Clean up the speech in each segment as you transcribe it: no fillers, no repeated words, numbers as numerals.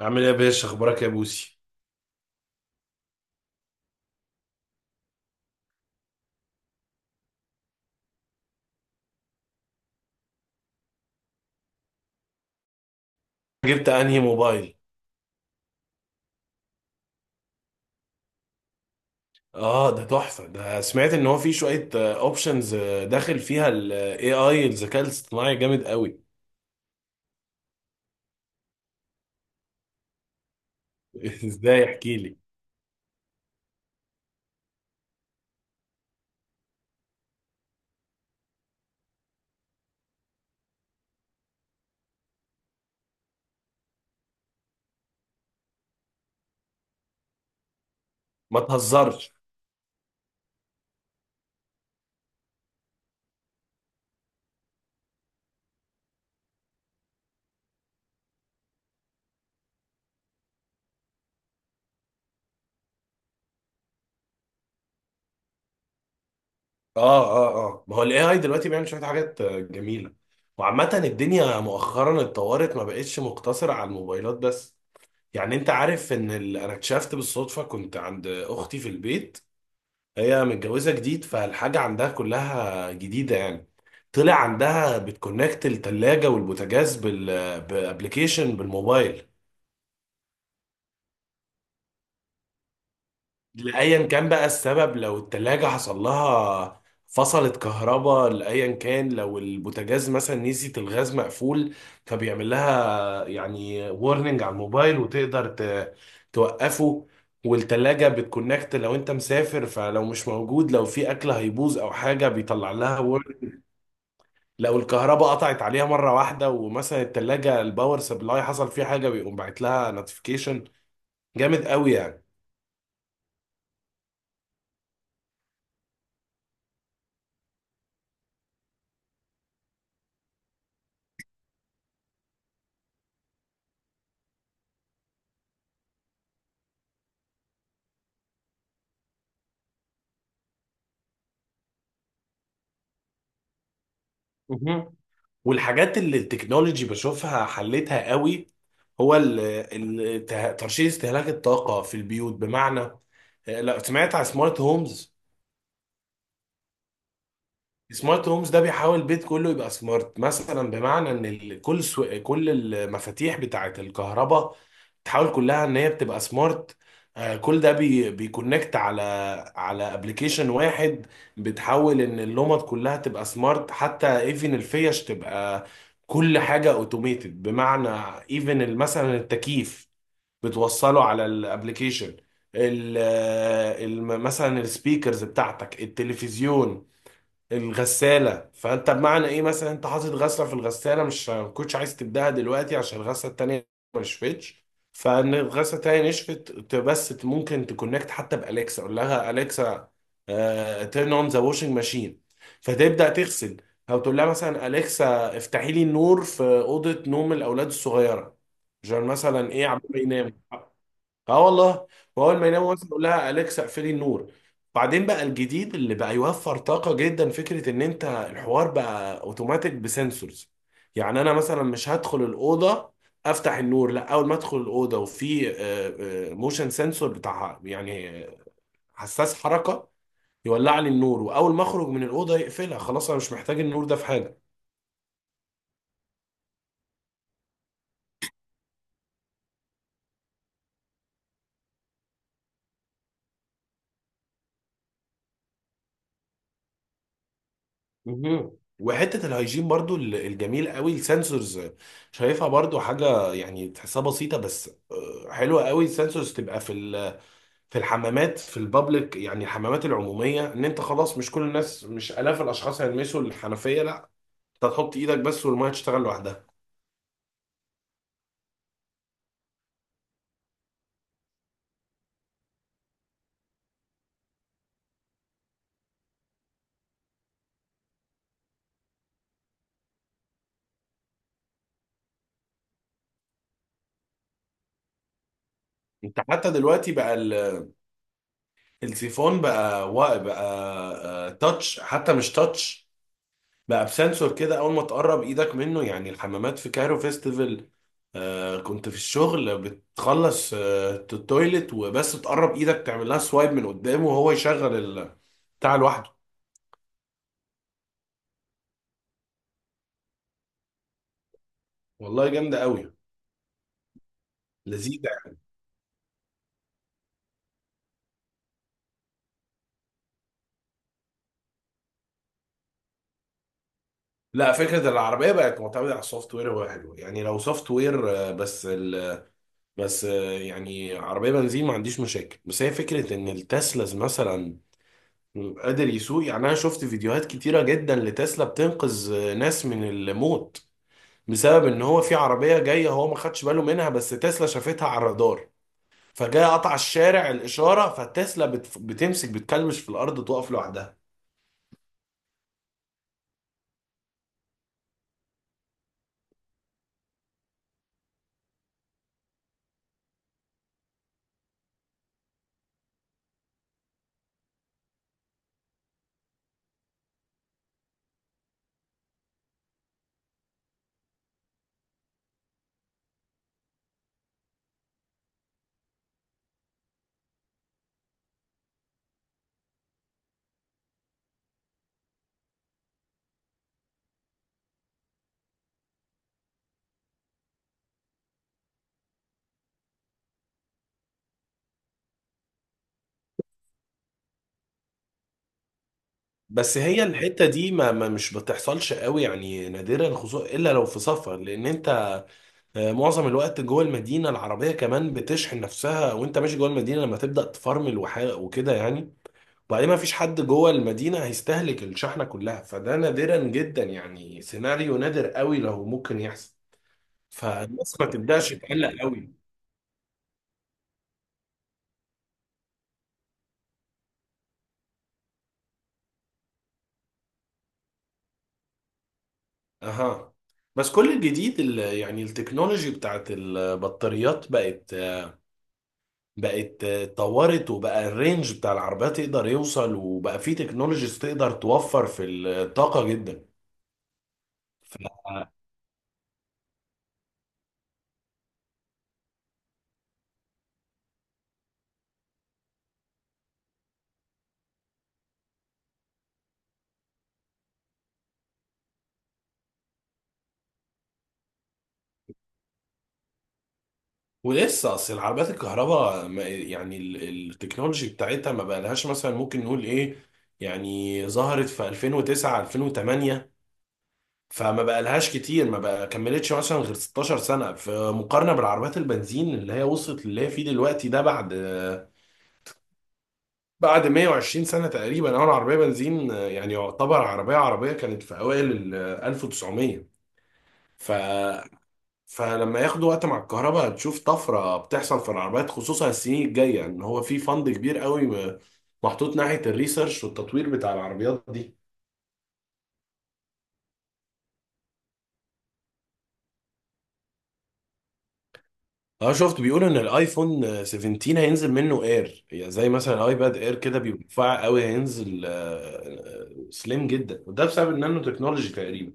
عامل ايه يا باشا؟ اخبارك يا بوسي؟ جبت انهي موبايل؟ اه ده تحفه، ده سمعت ان هو في شويه اوبشنز داخل فيها الاي اي. الذكاء الاصطناعي جامد قوي. ازاي؟ احكي لي. ما تهزرش. اه اه اه. ما هو الاي اي دلوقتي بيعمل شويه حاجات جميله. وعامه الدنيا مؤخرا اتطورت، ما بقتش مقتصره على الموبايلات بس. يعني انت عارف ان انا اكتشفت بالصدفه كنت عند اختي في البيت. هي متجوزة جديد، فالحاجة عندها كلها جديدة يعني. طلع عندها بتكونكت التلاجة والبوتاجاز بأبليكيشن بالموبايل. لأيا كان بقى السبب، لو التلاجة حصل لها فصلت كهرباء، لأيا كان، لو البوتاجاز مثلا نسيت الغاز مقفول، فبيعمل لها يعني وورنينج على الموبايل، وتقدر توقفه. والتلاجة بتكونكت لو انت مسافر، فلو مش موجود لو في اكل هيبوظ او حاجة بيطلع لها. لو الكهرباء قطعت عليها مرة واحدة، ومثلا التلاجة الباور سبلاي حصل فيها حاجة، بيقوم باعت لها نوتيفيكيشن. جامد قوي يعني. مهم. والحاجات اللي التكنولوجي بشوفها حلتها قوي، هو ترشيد استهلاك الطاقة في البيوت. بمعنى، لو سمعت على سمارت هومز. سمارت هومز ده بيحاول البيت كله يبقى سمارت. مثلا بمعنى ان كل كل المفاتيح بتاعه الكهرباء بتحاول كلها ان هي بتبقى سمارت. كل ده بيكونكت على على ابلكيشن واحد. بتحاول ان اللمض كلها تبقى سمارت، حتى ايفن الفيش تبقى، كل حاجة اوتوميتد. بمعنى، ايفن مثلا التكييف بتوصله على الابلكيشن. مثلا السبيكرز بتاعتك، التلفزيون، الغسالة. فانت بمعنى ايه، مثلا انت حاطط غسلة في الغسالة، مش ما كنتش عايز تبدأها دلوقتي عشان الغسلة التانية ما نشفتش، فان الغسلة التانية نشفت، ممكن تكونكت حتى بأليكسا، اقول لها أليكسا تيرن اون ذا واشنج ماشين، فتبدأ تغسل. او تقول لها مثلا أليكسا افتحي لي النور في أوضة نوم الأولاد الصغيرة عشان مثلا ايه عمال ينام. اه والله. واول ما يناموا مثلا يقول لها اليكسا اقفلي النور. بعدين بقى الجديد اللي بقى يوفر طاقه جدا، فكره ان انت الحوار بقى اوتوماتيك بسنسورز. يعني انا مثلا مش هدخل الاوضه افتح النور، لا، اول ما ادخل الاوضه وفي موشن سنسور بتاع يعني حساس حركه، يولع لي النور، واول ما اخرج من الاوضه يقفلها. خلاص انا مش محتاج النور ده في حاجه. مهم. وحته الهيجين برضو، الجميل قوي السنسورز، شايفها برضو حاجه يعني تحسها بسيطه بس حلوه قوي. السنسورز تبقى في في الحمامات، في البابليك يعني الحمامات العموميه، ان انت خلاص مش كل الناس، مش الاف الاشخاص هيلمسوا الحنفيه، لا، انت تحط ايدك بس والميه تشتغل لوحدها. انت حتى دلوقتي بقى السيفون بقى بقى تاتش، حتى مش تاتش، بقى بسنسور كده اول ما تقرب ايدك منه. يعني الحمامات في كايرو فيستيفال آه، كنت في الشغل بتخلص آه التويلت، وبس تقرب ايدك تعمل لها سوايب من قدامه وهو يشغل بتاع لوحده. والله جامده قوي. لذيذه يعني. لا، فكره العربيه بقت معتمده على السوفت وير هو حلو يعني، لو سوفت وير آه، بس ال... بس آه، يعني عربيه بنزين ما عنديش مشاكل. بس هي فكره ان التسلاز مثلا قادر يسوق. يعني انا شفت فيديوهات كتيره جدا لتسلا بتنقذ ناس من الموت، بسبب ان هو في عربيه جايه هو ما خدش باله منها، بس تسلا شافتها على الرادار، فجاء قطع الشارع الاشاره، فتسلا بتمسك بتكلبش في الارض تقف لوحدها. بس هي الحته دي ما مش بتحصلش قوي يعني، نادرا، خصوصا الا لو في سفر، لان انت معظم الوقت جوه المدينه، العربيه كمان بتشحن نفسها وانت ماشي جوه المدينه، لما تبدا تفرمل وكده يعني. وبعدين ما فيش حد جوه المدينه هيستهلك الشحنه كلها، فده نادرا جدا يعني، سيناريو نادر قوي لو ممكن يحصل، فالناس ما تبداش تقلق قوي. اها. بس كل الجديد يعني التكنولوجي بتاعت البطاريات بقت اتطورت، وبقى الرينج بتاع العربيات يقدر يوصل، وبقى في تكنولوجيز تقدر توفر في الطاقة جدا. ف... ولسه اصل العربيات الكهرباء يعني التكنولوجي بتاعتها ما بقالهاش، مثلا ممكن نقول ايه، يعني ظهرت في 2009 2008، فما بقالهاش كتير، ما بقى كملتش مثلا غير 16 سنة، في مقارنة بالعربيات البنزين اللي هي وصلت اللي هي فيه دلوقتي ده بعد 120 سنة تقريبا. أول عربية بنزين يعني يعتبر عربية كانت في أوائل ال 1900. ف فلما ياخدوا وقت مع الكهرباء، هتشوف طفرة بتحصل في العربيات خصوصا السنين الجاية، إن هو في فند كبير قوي محطوط ناحية الريسيرش والتطوير بتاع العربيات دي. اه، شفت بيقولوا ان الايفون 17 هينزل منه اير، يعني زي مثلا الايباد اير كده بيبقى رفيع قوي. هينزل سليم جدا، وده بسبب النانو تكنولوجي تقريبا.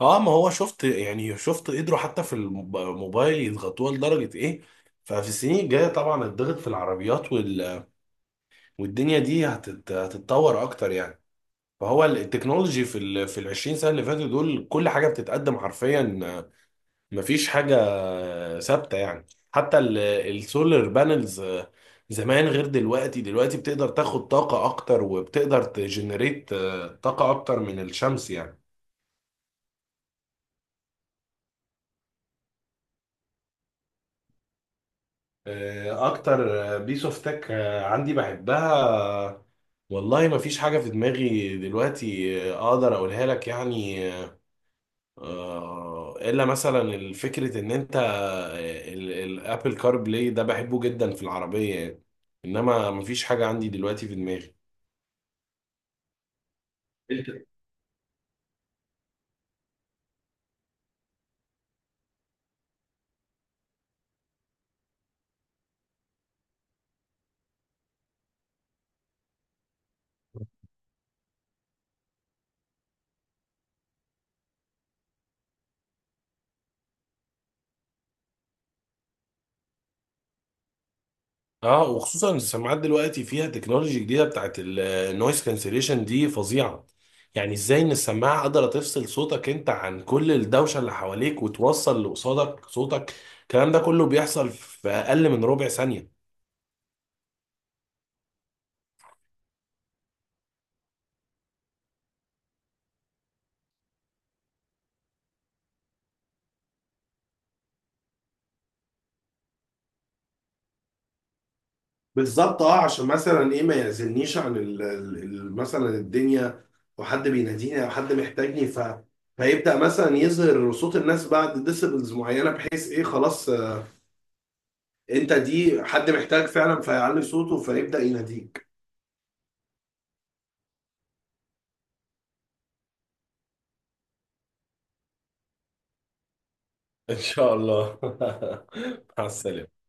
اه ما هو شفت، يعني شفت قدروا حتى في الموبايل يضغطوها لدرجة ايه. ففي السنين الجاية طبعا الضغط في العربيات والدنيا دي هتتطور اكتر يعني. فهو التكنولوجي في في ال 20 سنة اللي فاتوا دول كل حاجة بتتقدم حرفيا، مفيش حاجة ثابتة يعني. حتى السولار بانلز زمان غير دلوقتي، دلوقتي بتقدر تاخد طاقة أكتر، وبتقدر تجنريت طاقة أكتر من الشمس يعني. أكتر بيس أوف تك عندي بحبها، آه، والله مفيش حاجة في دماغي دلوقتي أقدر أقولها لك يعني. إلا مثلا فكرة إن أنت الأبل كار بلاي ده بحبه جدا في العربية يعني. إنما مفيش حاجة عندي دلوقتي في دماغي. انت. اه وخصوصا السماعات دلوقتي فيها تكنولوجي جديده بتاعت النويز كانسليشن دي فظيعه. يعني ازاي ان السماعه قادره تفصل صوتك انت عن كل الدوشه اللي حواليك، وتوصل اللي قصادك صوتك، الكلام ده كله بيحصل في اقل من ربع ثانيه. بالظبط، اه عشان مثلا ايه ما يعزلنيش عن مثلا الدنيا، او حد بيناديني او حد محتاجني، فيبدا مثلا يظهر صوت الناس بعد ديسيبلز معينه، بحيث ايه خلاص، انت دي حد محتاج فعلا، فيعلي صوته فيبدأ يناديك. ان شاء الله. مع السلامه.